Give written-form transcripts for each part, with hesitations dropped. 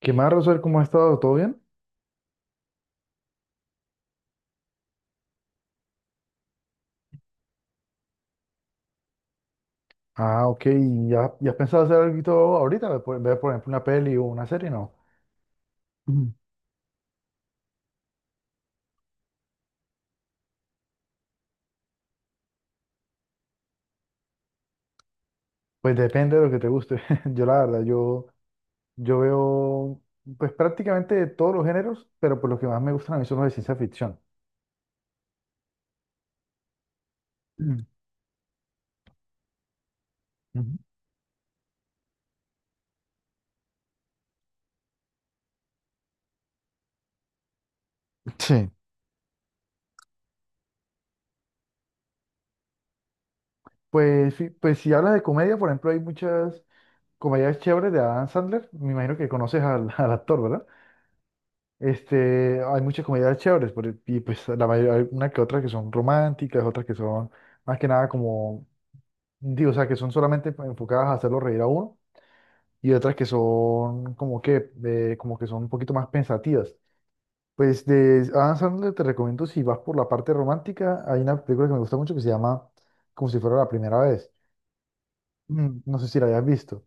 ¿Qué más, Rosel? ¿Cómo has estado? ¿Todo bien? Ah, ok. ¿Ya has pensado hacer algo ahorita? Por por ejemplo, una peli o una serie, ¿no? Mm. Pues depende de lo que te guste. Yo, la verdad, yo veo pues prácticamente de todos los géneros, pero por lo que más me gustan a mí son los de ciencia ficción. Mm, ujú. Sí. Pues, sí, pues si hablas de comedia, por ejemplo, hay muchas comedias chéveres de Adam Sandler. Me imagino que conoces al, al actor, ¿verdad? Este, hay muchas comedias chéveres, y pues la mayoría, hay una que otra que son románticas, otras que son más que nada como, digo, o sea, que son solamente enfocadas a hacerlo reír a uno, y otras que son como que son un poquito más pensativas. Pues de Adam Sandler te recomiendo, si vas por la parte romántica, hay una película que me gusta mucho que se llama Como si fuera la primera vez. Mm, no sé si la hayas visto.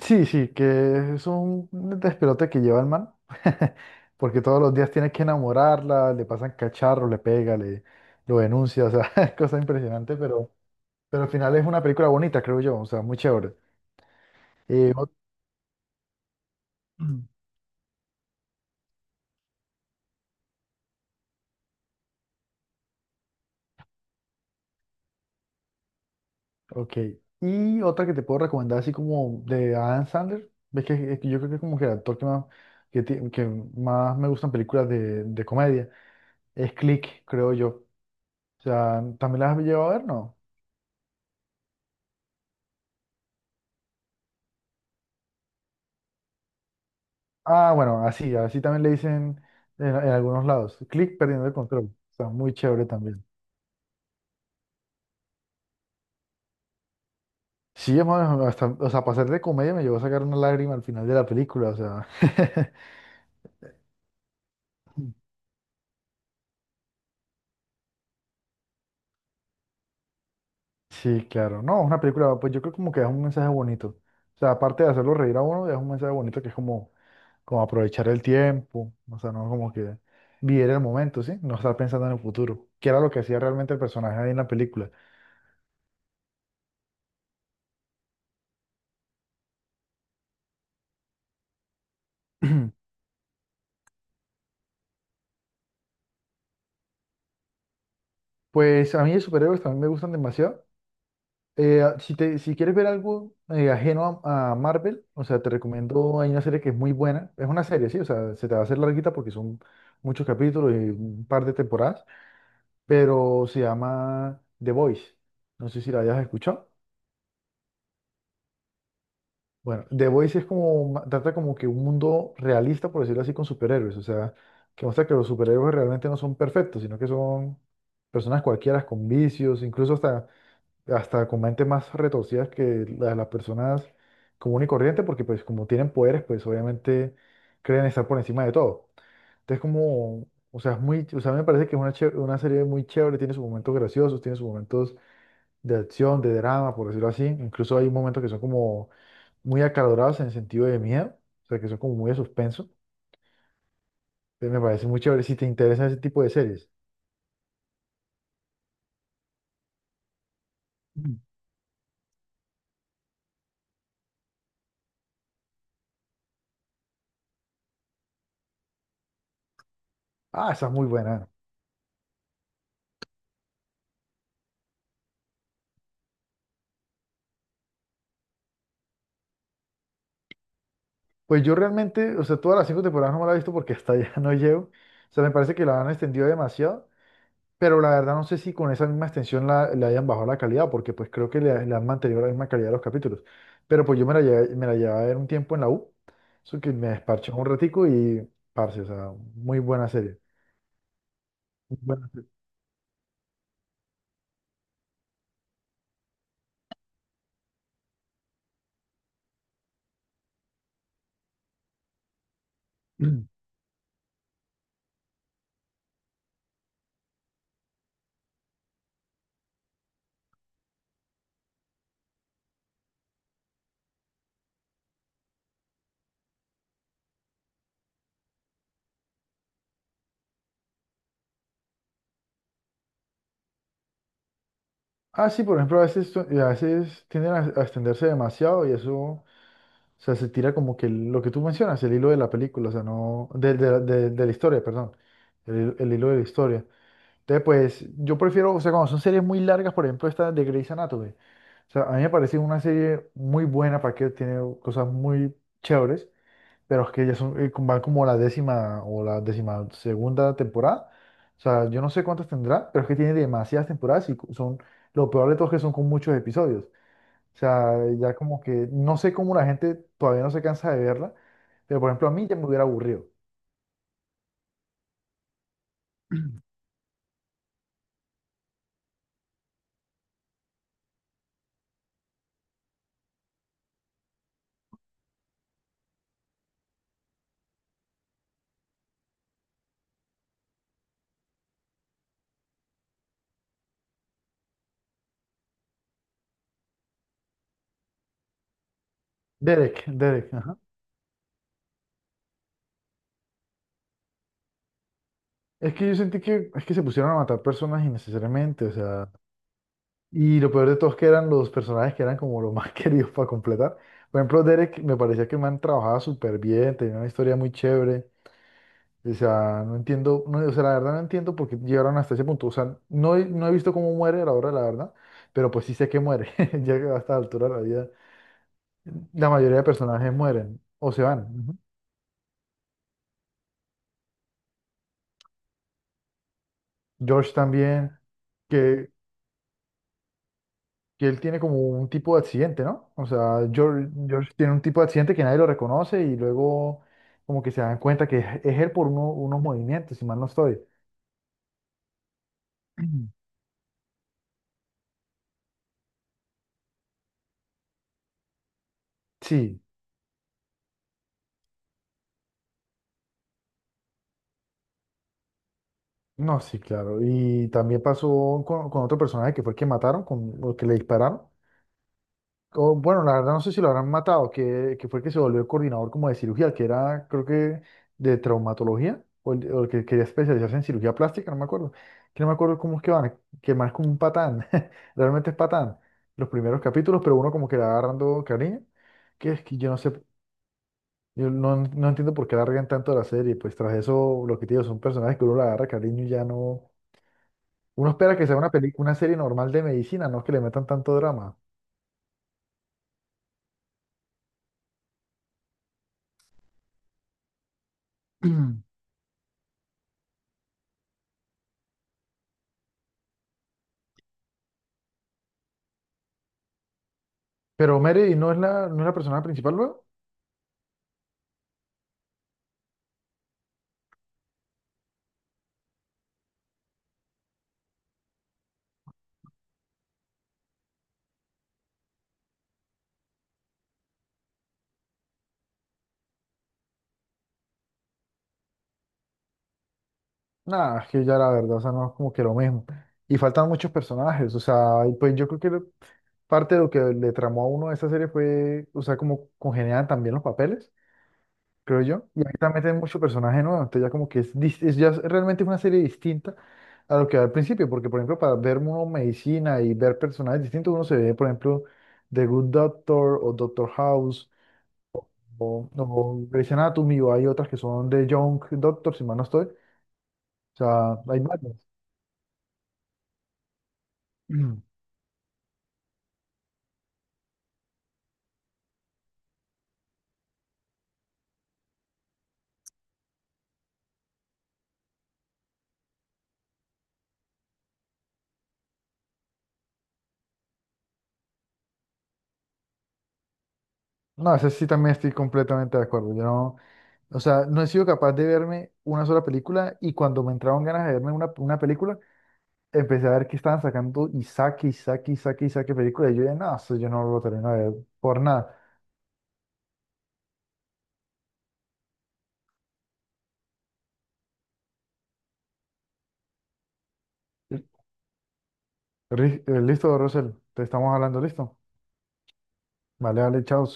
Sí, sí, que es un despelote que lleva el man, porque todos los días tiene que enamorarla, le pasan cacharros, le pega, le lo denuncia, o sea, es cosa impresionante, pero al final es una película bonita, creo yo, o sea, muy chévere. Eh, ot- ok, y otra que te puedo recomendar, así como de Adam Sandler, ves que, es que yo creo que es como que el actor que más, que más me gustan películas de comedia, es Click, creo yo. O sea, ¿también las has llevado a ver, no? Ah, bueno, así, así también le dicen en algunos lados. Click perdiendo el control. Está muy chévere también. Sí, hermano, hasta, o sea, para ser de comedia me llevó a sacar una lágrima al final de la película, o sea. Sí, claro. No, una película, pues yo creo como que es un mensaje bonito. O sea, aparte de hacerlo reír a uno, es un mensaje bonito que es como, como aprovechar el tiempo, o sea, no como que vivir el momento, ¿sí? No estar pensando en el futuro, que era lo que hacía realmente el personaje ahí en la película. Pues a mí los superhéroes también me gustan demasiado. Si quieres ver algo ajeno a Marvel, o sea, te recomiendo, hay una serie que es muy buena, es una serie, sí, o sea, se te va a hacer larguita porque son muchos capítulos y un par de temporadas, pero se llama The Voice, no sé si la hayas escuchado. Bueno, The Voice es como, trata como que un mundo realista, por decirlo así, con superhéroes, o sea, que muestra que los superhéroes realmente no son perfectos, sino que son personas cualquiera con vicios, incluso hasta hasta con mentes más retorcidas de las personas común y corriente, porque pues como tienen poderes, pues obviamente creen estar por encima de todo. Entonces como, o sea, es muy, o sea, a mí me parece que es una, una serie muy chévere, tiene sus momentos graciosos, tiene sus momentos de acción, de drama, por decirlo así. Incluso hay momentos que son como muy acalorados en el sentido de miedo, o sea, que son como muy de suspenso. Entonces me parece muy chévere si te interesa ese tipo de series. Mm. Ah, esa es muy buena. Pues yo realmente, o sea, todas las cinco temporadas no me la he visto porque hasta allá no llego. O sea, me parece que la han extendido demasiado, pero la verdad no sé si con esa misma extensión la, le hayan bajado la calidad, porque pues creo que le han mantenido la misma calidad a los capítulos. Pero pues yo me la llevé a ver un tiempo en la U, eso que me desparché un ratico y, parce, o sea, muy buena serie. Muy buena. Ah, sí, por ejemplo, a veces, a veces tienden a extenderse demasiado y eso. O sea, se tira como que lo que tú mencionas, el hilo de la película, o sea, no, de la historia, perdón, el hilo de la historia. Entonces, pues, yo prefiero, o sea, cuando son series muy largas, por ejemplo, esta de Grey's Anatomy, o sea, a mí me parece una serie muy buena para que tiene cosas muy chéveres, pero es que ya son, van como la décima o la décima segunda temporada, o sea, yo no sé cuántas tendrá, pero es que tiene demasiadas temporadas y son, lo peor de todo es que son con muchos episodios. O sea, ya como que no sé cómo la gente todavía no se cansa de verla, pero por ejemplo a mí ya me hubiera aburrido. Derek, ajá. Es que yo sentí que es que se pusieron a matar personas innecesariamente, o sea, y lo peor de todo es que eran los personajes que eran como los más queridos para completar. Por ejemplo, Derek me parecía que el man trabajaba súper bien, tenía una historia muy chévere. O sea, no entiendo, no, o sea, la verdad no entiendo por qué llegaron hasta ese punto. O sea, no, no he visto cómo muere a la hora de la verdad, pero pues sí sé que muere, ya que a esta altura de la vida la mayoría de personajes mueren o se van. Ujú. George también, que, que él tiene como un tipo de accidente, ¿no? O sea, George tiene un tipo de accidente que nadie lo reconoce y luego como que se dan cuenta que es él por unos movimientos, si mal no estoy. Ujú. Sí, no, sí, claro. Y también pasó con otro personaje que fue el que mataron, con, o que le dispararon. O, bueno, la verdad no sé si lo habrán matado, que fue el que se volvió el coordinador como de cirugía, que era, creo que, de traumatología, o el que quería especializarse en cirugía plástica, no me acuerdo. Que no me acuerdo cómo es que van, que más como un patán, realmente es patán, los primeros capítulos, pero uno como que le va agarrando cariño, que es que yo no sé, yo no, no entiendo por qué la regan tanto la serie, pues tras eso, lo que te digo, son personajes que uno le agarra cariño y ya no. Uno espera que sea una película, una serie normal de medicina, no que le metan tanto drama. Pero Mary no es la, no es la personaje principal, luego. Nada, es que ya la verdad, o sea, no es como que lo mismo. Y faltan muchos personajes, o sea, y pues yo creo que parte de lo que le tramó a uno de esa serie fue, o sea, como congeniaban también los papeles, creo yo. Y ahí también meten muchos personajes nuevos, entonces ya como que es, ya es realmente una serie distinta a lo que era al principio, porque por ejemplo, para ver uno medicina y ver personajes distintos, uno se ve, por ejemplo, The Good Doctor o Doctor House o Grey's Anatomy, o hay otras que son de Young Doctor, si mal no estoy. O sea, hay varios. No, ese sí también estoy completamente de acuerdo. Yo no, o sea, no he sido capaz de verme una sola película y cuando me entraron ganas de verme una película, empecé a ver que estaban sacando y saque y saque y saque y saque película. Y yo dije, no, eso yo no lo termino de ver por nada. Listo, Rosel, te estamos hablando, listo. Vale, vale, chao.